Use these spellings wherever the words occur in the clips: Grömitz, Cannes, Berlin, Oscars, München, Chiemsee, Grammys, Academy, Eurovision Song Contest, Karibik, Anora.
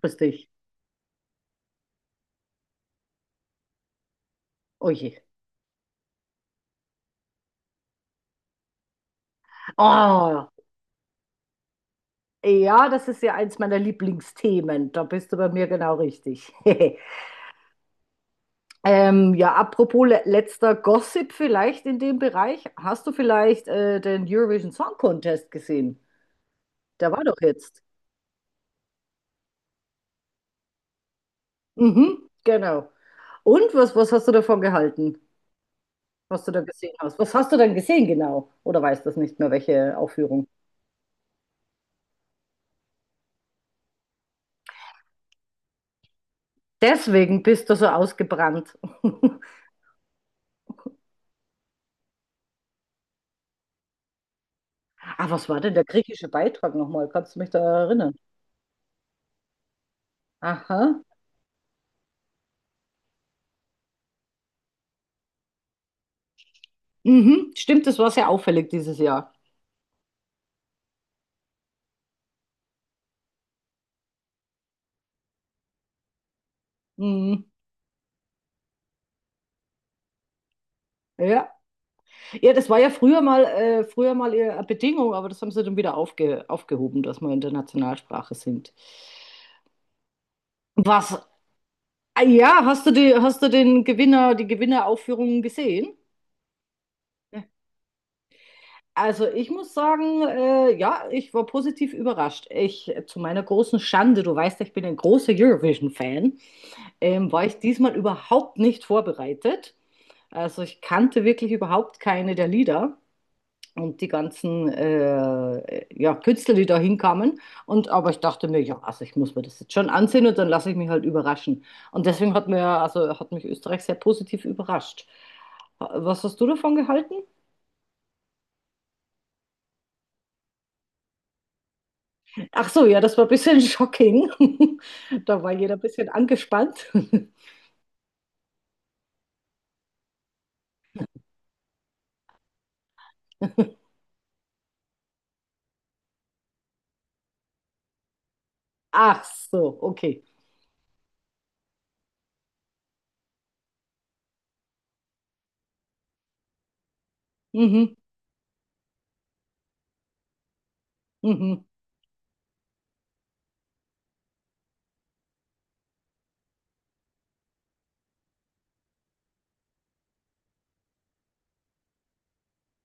Grüß dich. Oh je. Oh, ja, das ist ja eins meiner Lieblingsthemen. Da bist du bei mir genau richtig. Ja, apropos le letzter Gossip vielleicht in dem Bereich. Hast du vielleicht den Eurovision Song Contest gesehen? Der war doch jetzt. Mhm, genau. Und was hast du davon gehalten, was du da gesehen hast? Was hast du denn gesehen genau? Oder weißt du das nicht mehr, welche Aufführung? Deswegen bist du so ausgebrannt. Ah, was war denn der griechische Beitrag nochmal? Kannst du mich da erinnern? Aha. Mhm. Stimmt, das war sehr auffällig dieses Jahr. Mhm. Ja. Ja, das war ja früher mal eher eine Bedingung, aber das haben sie dann wieder aufgehoben, dass wir in der Nationalsprache sind. Was? Ah, ja, hast du hast du den Gewinner, die Gewinneraufführungen gesehen? Ja. Also ich muss sagen, ja, ich war positiv überrascht. Zu meiner großen Schande, du weißt, ja, ich bin ein großer Eurovision-Fan, war ich diesmal überhaupt nicht vorbereitet. Also ich kannte wirklich überhaupt keine der Lieder und die ganzen ja, Künstler, die da hinkamen. Und aber ich dachte mir, ja, also ich muss mir das jetzt schon ansehen und dann lasse ich mich halt überraschen. Und deswegen also hat mich Österreich sehr positiv überrascht. Was hast du davon gehalten? Ach so, ja, das war ein bisschen shocking. Da war jeder ein bisschen angespannt. Ach so, okay. Mhm, mhm.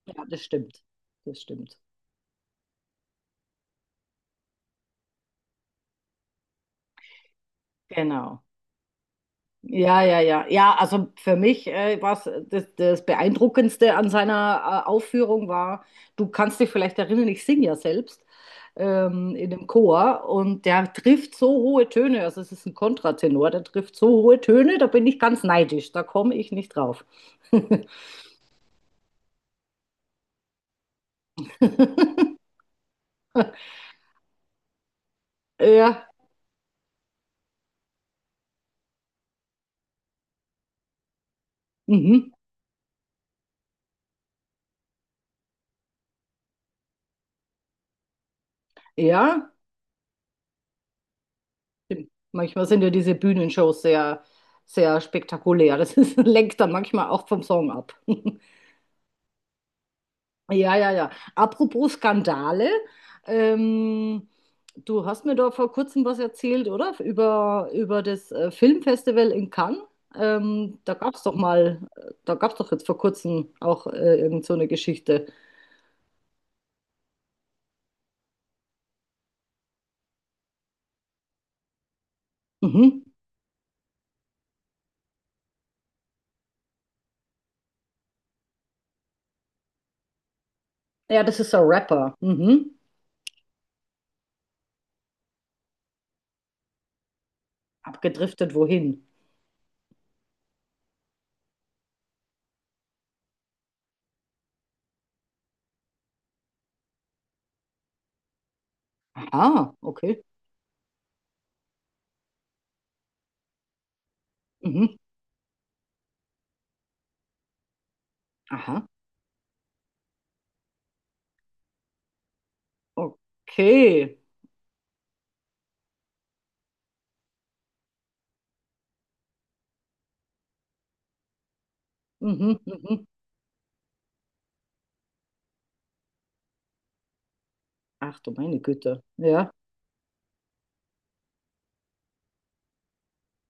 Ja, das stimmt. Das stimmt. Genau. Ja, ja, ja. Ja, also für mich war das Beeindruckendste an seiner Aufführung war, du kannst dich vielleicht erinnern, ich singe ja selbst in dem Chor und der trifft so hohe Töne, also es ist ein Kontratenor, der trifft so hohe Töne, da bin ich ganz neidisch, da komme ich nicht drauf. Ja, mhm. Ja, stimmt. Manchmal sind ja diese Bühnenshows sehr spektakulär. Lenkt dann manchmal auch vom Song ab. Ja, ja, ja. Apropos Skandale, ähm, du hast mir da vor kurzem was erzählt, oder? Über das Filmfestival in Cannes. Ähm, da gab es doch mal, da gab es doch jetzt vor kurzem auch irgend so eine Geschichte. Mhm. Ja, das ist ein Rapper. Mhm. Abgedriftet wohin? Aha, okay. Mhm. Aha, okay. Mhm, mhm. Ach du meine Güte. Ja.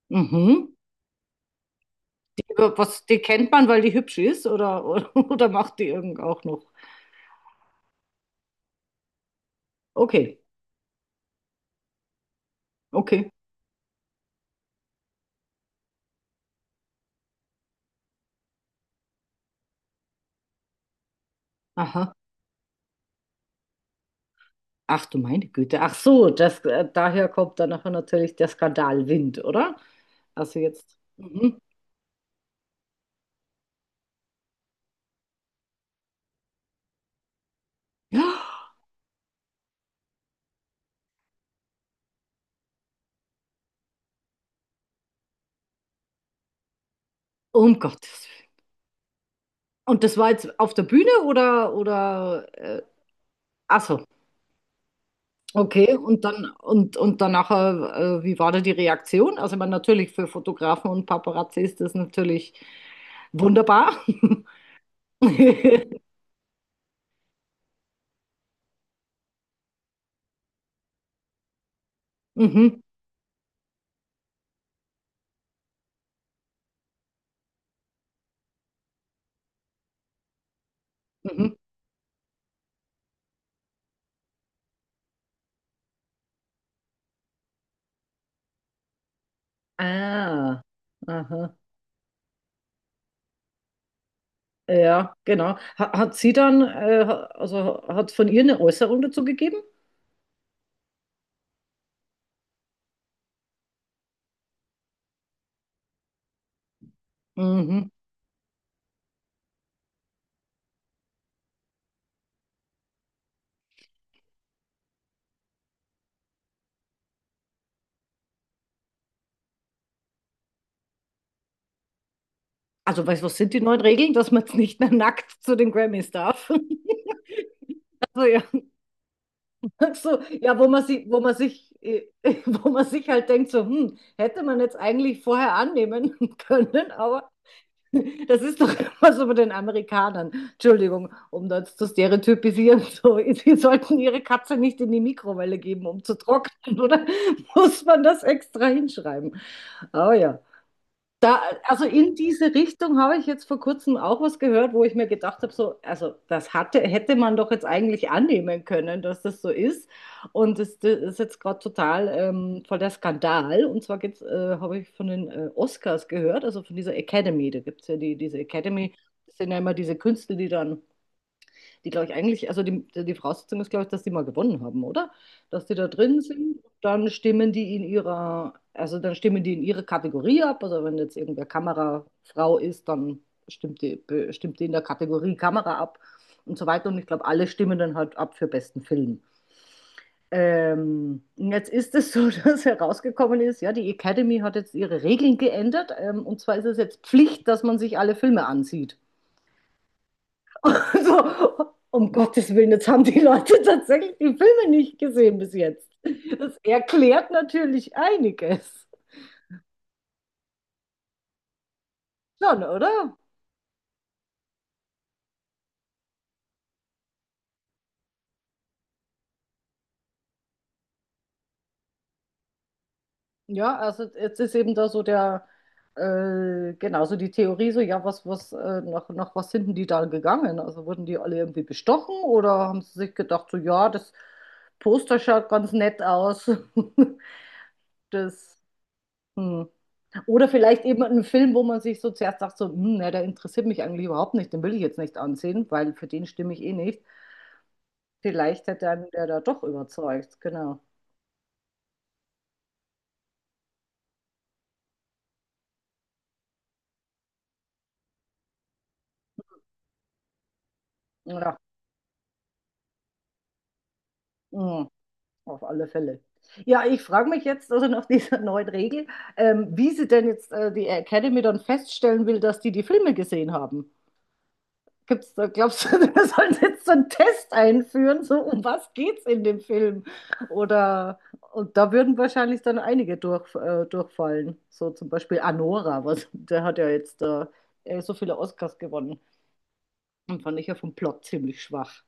Mhm. Was, die kennt man, weil die hübsch ist, oder macht die irgend auch noch? Okay, okay, aha. Ach du meine Güte. Ach so, daher kommt dann nachher natürlich der Skandalwind, oder? Also jetzt. Mhm. Ja, um Gottes Willen. Und das war jetzt auf der Bühne ach so, okay. Und und dann nachher, wie war da die Reaktion? Also, ich meine, natürlich für Fotografen und Paparazzi ist das natürlich wunderbar. Mhm, mhm. Ah, aha. Ja, genau. Hat sie dann, also hat es von ihr eine Äußerung dazu gegeben? Mhm. Also, weißt du, was sind die neuen Regeln, dass man jetzt nicht mehr nackt zu den Grammys darf? Also, ja, so, ja, wo man sich, wo man sich halt denkt, so, hm, hätte man jetzt eigentlich vorher annehmen können, aber das ist doch immer so bei den Amerikanern. Entschuldigung, um das zu stereotypisieren. So, sie sollten ihre Katze nicht in die Mikrowelle geben, um zu trocknen, oder? Muss man das extra hinschreiben? Oh ja. Da, also in diese Richtung habe ich jetzt vor kurzem auch was gehört, wo ich mir gedacht habe, so, also hätte man doch jetzt eigentlich annehmen können, dass das so ist. Und das ist jetzt gerade total voll der Skandal. Und zwar habe ich von den Oscars gehört, also von dieser Academy. Da gibt es ja diese Academy, das sind ja immer diese Künstler, die dann die Voraussetzung ist, glaube ich, dass die mal gewonnen haben, oder? Dass die da drin sind, dann stimmen die in ihrer, also dann stimmen die in ihre Kategorie ab. Also wenn jetzt irgendwer Kamerafrau ist, dann stimmt die in der Kategorie Kamera ab und so weiter. Und ich glaube, alle stimmen dann halt ab für besten Film. Und jetzt ist es so, dass herausgekommen ist, ja, die Academy hat jetzt ihre Regeln geändert. Und zwar ist es jetzt Pflicht, dass man sich alle Filme ansieht. So, um Gottes Willen, jetzt haben die Leute tatsächlich die Filme nicht gesehen bis jetzt. Das erklärt natürlich einiges. Schon, oder? Ja, also jetzt ist eben da so genau, so die Theorie, so, ja, nach was sind denn die da gegangen? Also wurden die alle irgendwie bestochen oder haben sie sich gedacht, so, ja, das Poster schaut ganz nett aus. Das. Hm. Oder vielleicht eben einen Film, wo man sich so zuerst sagt, so, hm, na, der interessiert mich eigentlich überhaupt nicht, den will ich jetzt nicht ansehen, weil für den stimme ich eh nicht. Vielleicht hat dann der da doch überzeugt, genau. Ja, hm, auf alle Fälle. Ja, ich frage mich jetzt also nach dieser neuen Regel, wie sie denn jetzt die Academy dann feststellen will, dass die die Filme gesehen haben. Gibt's da, glaubst du, wir sollen jetzt so einen Test einführen, so um was geht's in dem Film? Oder und da würden wahrscheinlich dann einige durchfallen. So zum Beispiel Anora, was, der hat ja jetzt so viele Oscars gewonnen. Und fand ich ja vom Plot ziemlich schwach.